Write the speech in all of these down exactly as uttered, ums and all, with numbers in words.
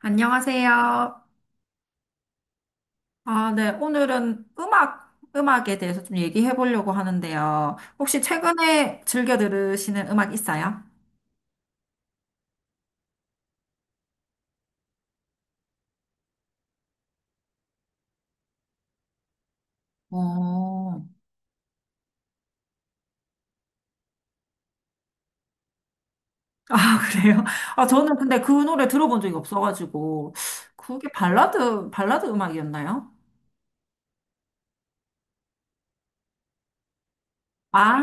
안녕하세요. 아, 네. 오늘은 음악, 음악에 대해서 좀 얘기해 보려고 하는데요. 혹시 최근에 즐겨 들으시는 음악 있어요? 어, 아, 그래요? 아, 저는 근데 그 노래 들어본 적이 없어가지고. 그게 발라드, 발라드 음악이었나요? 아,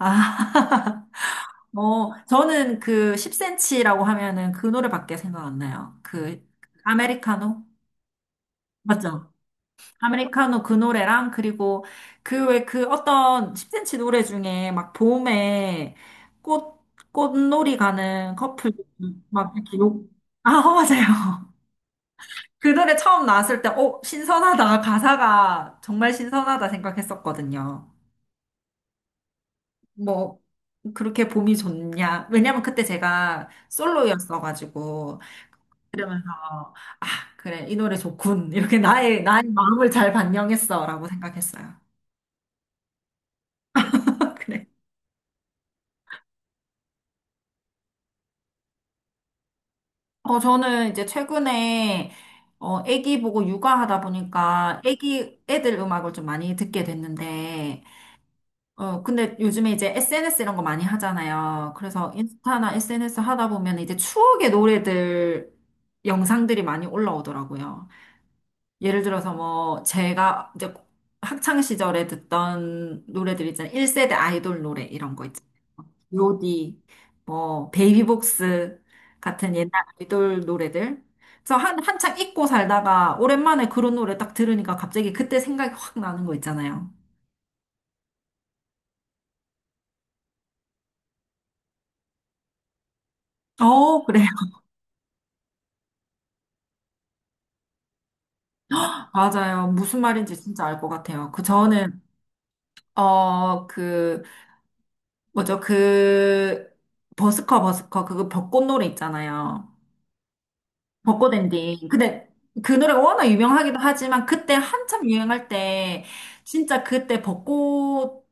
아. 어, 저는 그 십 센치라고 하면은 그 노래밖에 생각 안 나요. 그, 아메리카노? 맞죠? 아메리카노 그 노래랑 그리고 그 왜 그 어떤 십 센치 노래 중에 막 봄에 꽃 꽃놀이 가는 커플 막 이렇게 욕. 아, 어, 맞아요. 그 노래 처음 나왔을 때, 어, 신선하다. 가사가 정말 신선하다 생각했었거든요. 뭐, 그렇게 봄이 좋냐. 왜냐면 그때 제가 솔로였어가지고, 그러면서, 아, 그래, 이 노래 좋군. 이렇게 나의, 나의 마음을 잘 반영했어라고 생각했어요. 그래. 어, 저는 이제 최근에, 어, 애기 보고 육아하다 보니까 애기, 애들 음악을 좀 많이 듣게 됐는데, 어, 근데 요즘에 이제 에스엔에스 이런 거 많이 하잖아요. 그래서 인스타나 에스엔에스 하다 보면 이제 추억의 노래들, 영상들이 많이 올라오더라고요. 예를 들어서 뭐, 제가 이제 학창 시절에 듣던 노래들 있잖아요. 일 세대 아이돌 노래 이런 거 요디, 뭐 베이비복스 같은 옛날 아이돌 노래들. 그래서 한 한창 잊고 살다가 오랜만에 그런 노래 딱 들으니까 갑자기 그때 생각이 확 나는 거 있잖아요. 어, 그래요. 맞아요. 무슨 말인지 진짜 알 것 같아요. 그 저는 어, 그 뭐죠? 그 버스커 버스커 그거 벚꽃 노래 있잖아요. 벚꽃 엔딩. 근데 그 노래가 워낙 유명하기도 하지만 그때 한참 유행할 때 진짜 그때 벚꽃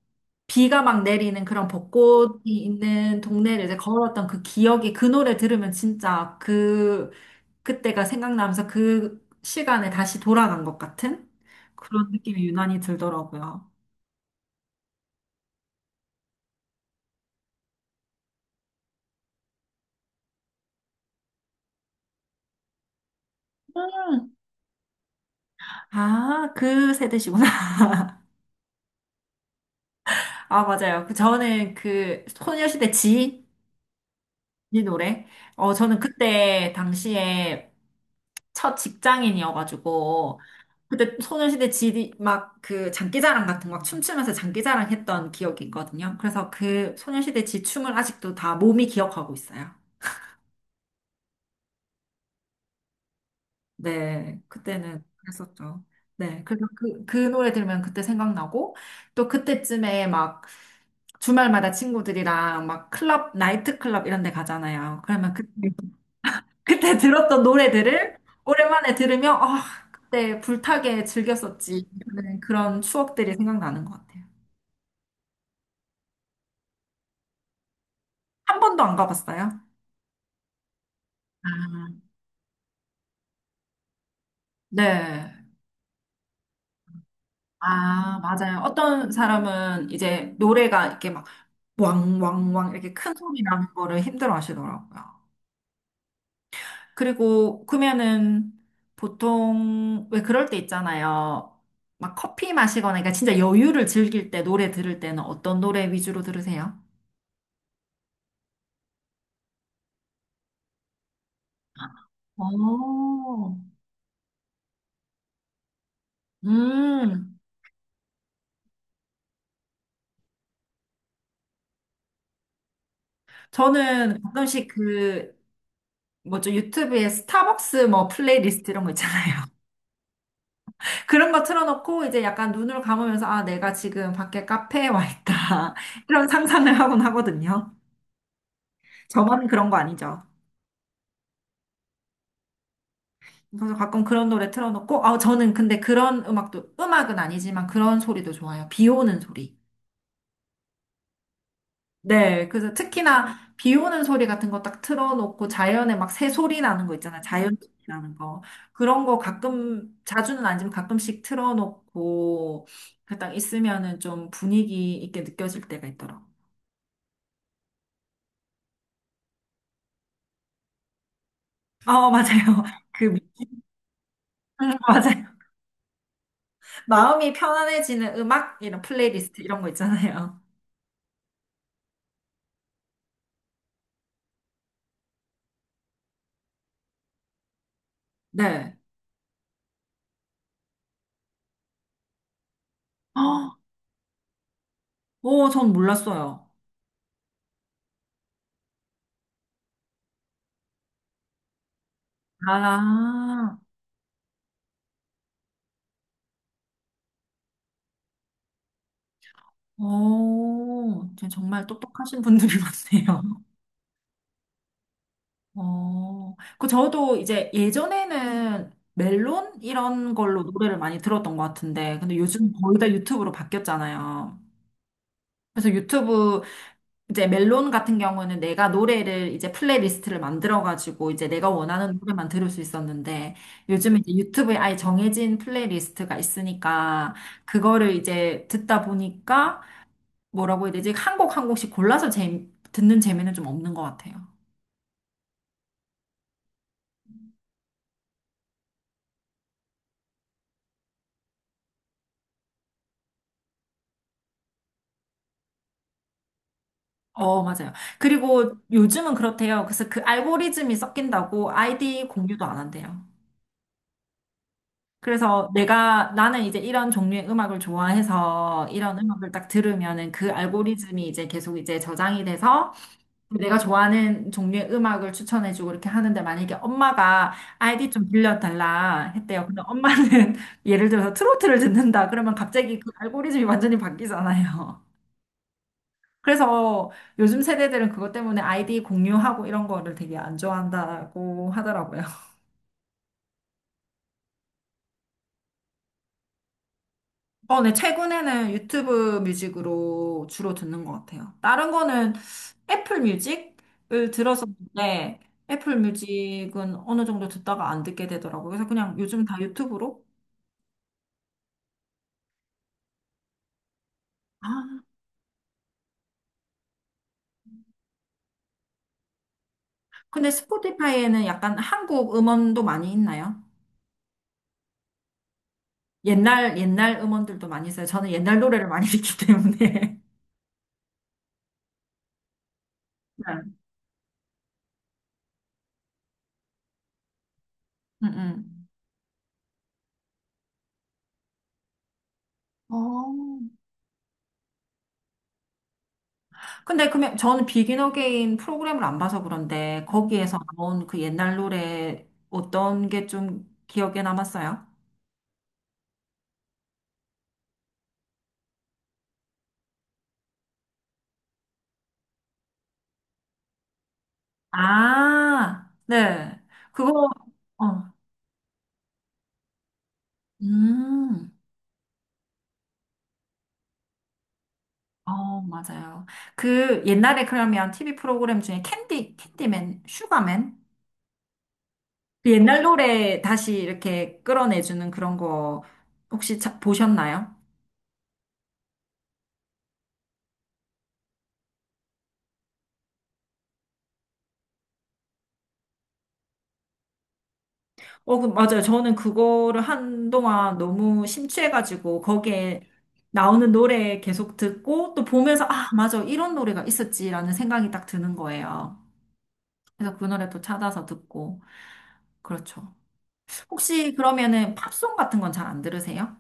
비가 막 내리는 그런 벚꽃이 있는 동네를 이제 걸었던 그 기억이 그 노래 들으면 진짜 그 그때가 생각나면서 그 시간에 다시 돌아간 것 같은 그런 느낌이 유난히 들더라고요. 아, 그 세대시구나. 아, 맞아요. 그 저는 그 소녀시대 지, 이 노래. 어, 저는 그때 당시에 첫 직장인이어가지고 그때 소녀시대 지 d 막 그 장기자랑 같은 거 막 춤추면서 장기자랑 했던 기억이 있거든요. 그래서 그 소녀시대 지 춤을 아직도 다 몸이 기억하고 있어요. 네, 그때는 그랬었죠. 네, 그래서 그, 그 노래 들으면 그때 생각나고 또 그때쯤에 막 주말마다 친구들이랑 막 클럽, 나이트 클럽 이런 데 가잖아요. 그러면 그때 그때 들었던 노래들을 오랜만에 들으면, 아, 그때 불타게 즐겼었지. 하는 그런 추억들이 생각나는 것 같아요. 한 번도 안 가봤어요? 아, 네. 아, 맞아요. 어떤 사람은 이제 노래가 이렇게 막 왕왕왕 이렇게 큰 소리 나는 거를 힘들어 하시더라고요. 그리고 그러면은 보통 왜 그럴 때 있잖아요. 막 커피 마시거나 그러니까 진짜 여유를 즐길 때 노래 들을 때는 어떤 노래 위주로 들으세요? 어, 음. 저는 가끔씩 그, 뭐죠, 유튜브에 스타벅스 뭐 플레이리스트 이런 거 있잖아요. 그런 거 틀어놓고 이제 약간 눈을 감으면서, 아, 내가 지금 밖에 카페에 와 있다. 이런 상상을 하곤 하거든요. 저만 그런 거 아니죠. 그래서 가끔 그런 노래 틀어놓고, 아, 저는 근데 그런 음악도, 음악은 아니지만 그런 소리도 좋아요. 비 오는 소리. 네, 그래서 특히나 비 오는 소리 같은 거 딱 틀어놓고 자연에 막 새 소리 나는 거 있잖아요. 자연 소리 나는 거. 그런 거 가끔, 자주는 아니지만 가끔씩 틀어놓고 그딱 있으면은 좀 분위기 있게 느껴질 때가 있더라고요. 어, 맞아요. 그, 음, 맞아요. 마음이 편안해지는 음악, 이런 플레이리스트 이런 거 있잖아요. 네. 어, 오, 전 몰랐어요. 아, 오, 정말 똑똑하신 분들이 많네요. 어, 그 저도 이제 예전에는 멜론 이런 걸로 노래를 많이 들었던 것 같은데, 근데 요즘 거의 다 유튜브로 바뀌었잖아요. 그래서 유튜브 이제 멜론 같은 경우는 내가 노래를 이제 플레이리스트를 만들어가지고 이제 내가 원하는 노래만 들을 수 있었는데, 요즘은 이제 유튜브에 아예 정해진 플레이리스트가 있으니까 그거를 이제 듣다 보니까 뭐라고 해야 되지? 한 곡 한 곡씩 골라서 재, 듣는 재미는 좀 없는 것 같아요. 어, 맞아요. 그리고 요즘은 그렇대요. 그래서 그 알고리즘이 섞인다고 아이디 공유도 안 한대요. 그래서 내가, 나는 이제 이런 종류의 음악을 좋아해서 이런 음악을 딱 들으면은 그 알고리즘이 이제 계속 이제 저장이 돼서 내가 좋아하는 종류의 음악을 추천해주고 이렇게 하는데 만약에 엄마가 아이디 좀 빌려달라 했대요. 근데 엄마는 예를 들어서 트로트를 듣는다. 그러면 갑자기 그 알고리즘이 완전히 바뀌잖아요. 그래서 요즘 세대들은 그것 때문에 아이디 공유하고 이런 거를 되게 안 좋아한다고 하더라고요. 어, 네, 최근에는 유튜브 뮤직으로 주로 듣는 것 같아요. 다른 거는 애플 뮤직을 들었었는데, 애플 뮤직은 어느 정도 듣다가 안 듣게 되더라고요. 그래서 그냥 요즘 다 유튜브로. 아, 근데 스포티파이에는 약간 한국 음원도 많이 있나요? 옛날, 옛날 음원들도 많이 있어요. 저는 옛날 노래를 많이 듣기 때문에. 네. 음, 음. 어, 근데 그러면 저는 비긴 어게인 프로그램을 안 봐서 그런데 거기에서 나온 그 옛날 노래 어떤 게 좀 기억에 남았어요? 아, 네. 그거, 어, 음, 어, 맞아요. 그 옛날에 그러면 티비 프로그램 중에 캔디, 캔디맨, 슈가맨? 그 옛날 노래 다시 이렇게 끌어내주는 그런 거 혹시 자- 보셨나요? 어, 그- 맞아요. 저는 그거를 한동안 너무 심취해가지고 거기에 나오는 노래 계속 듣고 또 보면서 아, 맞아. 이런 노래가 있었지라는 생각이 딱 드는 거예요. 그래서 그 노래 또 찾아서 듣고. 그렇죠. 혹시 그러면은 팝송 같은 건 잘 안 들으세요?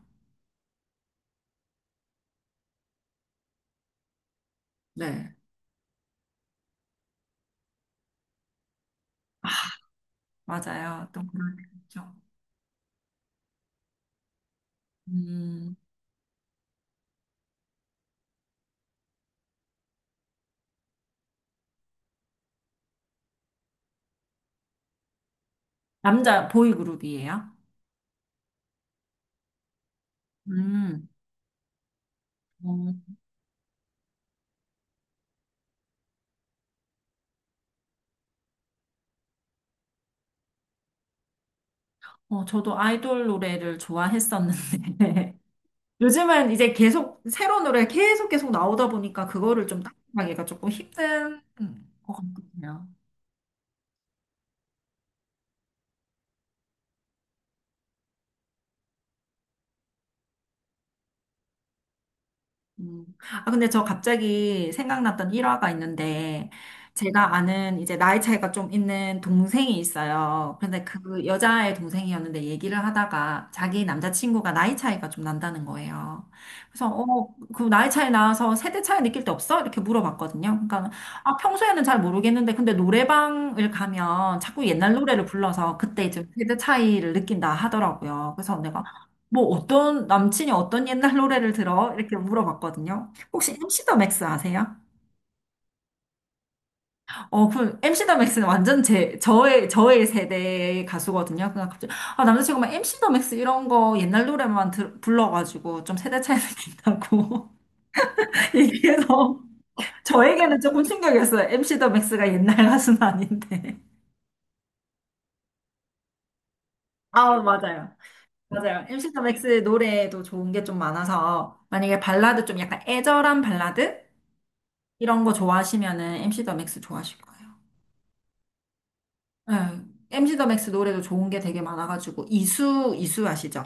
네. 맞아요. 또 그런 게 있죠. 음, 남자 보이그룹이에요? 음, 어, 어, 저도 아이돌 노래를 좋아했었는데 요즘은 이제 계속 새로운 노래 계속 계속 나오다 보니까 그거를 좀 따라가기가 조금 힘든 음, 것같거든요 음. 아, 근데 저 갑자기 생각났던 일화가 있는데, 제가 아는 이제 나이 차이가 좀 있는 동생이 있어요. 근데 그 여자의 동생이었는데 얘기를 하다가 자기 남자친구가 나이 차이가 좀 난다는 거예요. 그래서, 어, 그 나이 차이 나서 세대 차이 느낄 때 없어? 이렇게 물어봤거든요. 그러니까, 아, 평소에는 잘 모르겠는데, 근데 노래방을 가면 자꾸 옛날 노래를 불러서 그때 이제 세대 차이를 느낀다 하더라고요. 그래서 내가, 뭐 어떤 남친이 어떤 옛날 노래를 들어? 이렇게 물어봤거든요. 혹시 엠시 더 맥스 아세요? 어, 그 엠시 더 맥스는 완전 제 저의 저의 세대 가수거든요. 그냥 갑자기 아 남자친구가 막 엠시 더 맥스 이런 거 옛날 노래만 들, 불러가지고 좀 세대 차이 느낀다고 얘기해서 저에게는 조금 충격이었어요. 엠시 더 맥스가 옛날 가수는 아닌데. 아, 맞아요. 맞아요. 엠시 더 맥스 노래도 좋은 게 좀 많아서 만약에 발라드 좀 약간 애절한 발라드? 이런 거 좋아하시면은 엠시 더 맥스 좋아하실 거예요. 네. 엠시 더 맥스 노래도 좋은 게 되게 많아가지고 이수 이수 아시죠?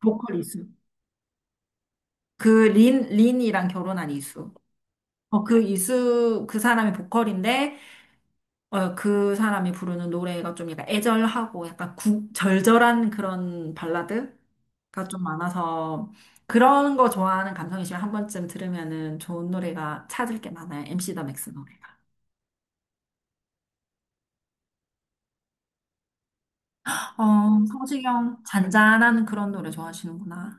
보컬 이수. 그 린 린이랑 결혼한 이수. 어, 그 이수 그 사람이 보컬인데 어, 그 사람이 부르는 노래가 좀 약간 애절하고 약간 구, 절절한 그런 발라드가 좀 많아서 그런 거 좋아하는 감성이시면 한 번쯤 들으면은 좋은 노래가 찾을 게 많아요. 엠시 더 맥스 노래가. 어, 성시경 잔잔한 그런 노래 좋아하시는구나.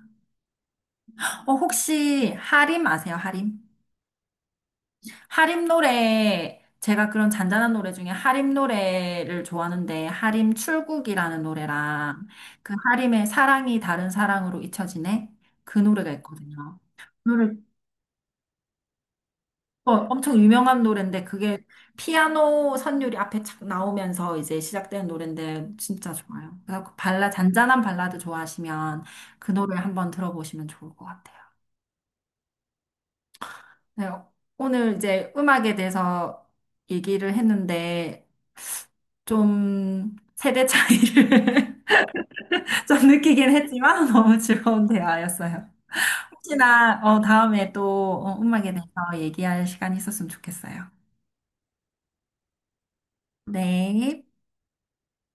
어, 혹시 하림 아세요? 하림? 하림 노래 제가 그런 잔잔한 노래 중에 하림 노래를 좋아하는데 하림 출국이라는 노래랑 그 하림의 사랑이 다른 사랑으로 잊혀지네 그 노래가 있거든요. 어, 엄청 유명한 노래인데 그게 피아노 선율이 앞에 착 나오면서 이제 시작되는 노래인데 진짜 좋아요. 그래서 그 발라 잔잔한 발라드 좋아하시면 그 노래 한번 들어보시면 좋을 것 같아요. 네, 오늘 이제 음악에 대해서 얘기를 했는데 좀 세대 차이를 좀 느끼긴 했지만 너무 즐거운 대화였어요. 혹시나 어, 다음에 또 어, 음악에 대해서 얘기할 시간이 있었으면 좋겠어요. 네.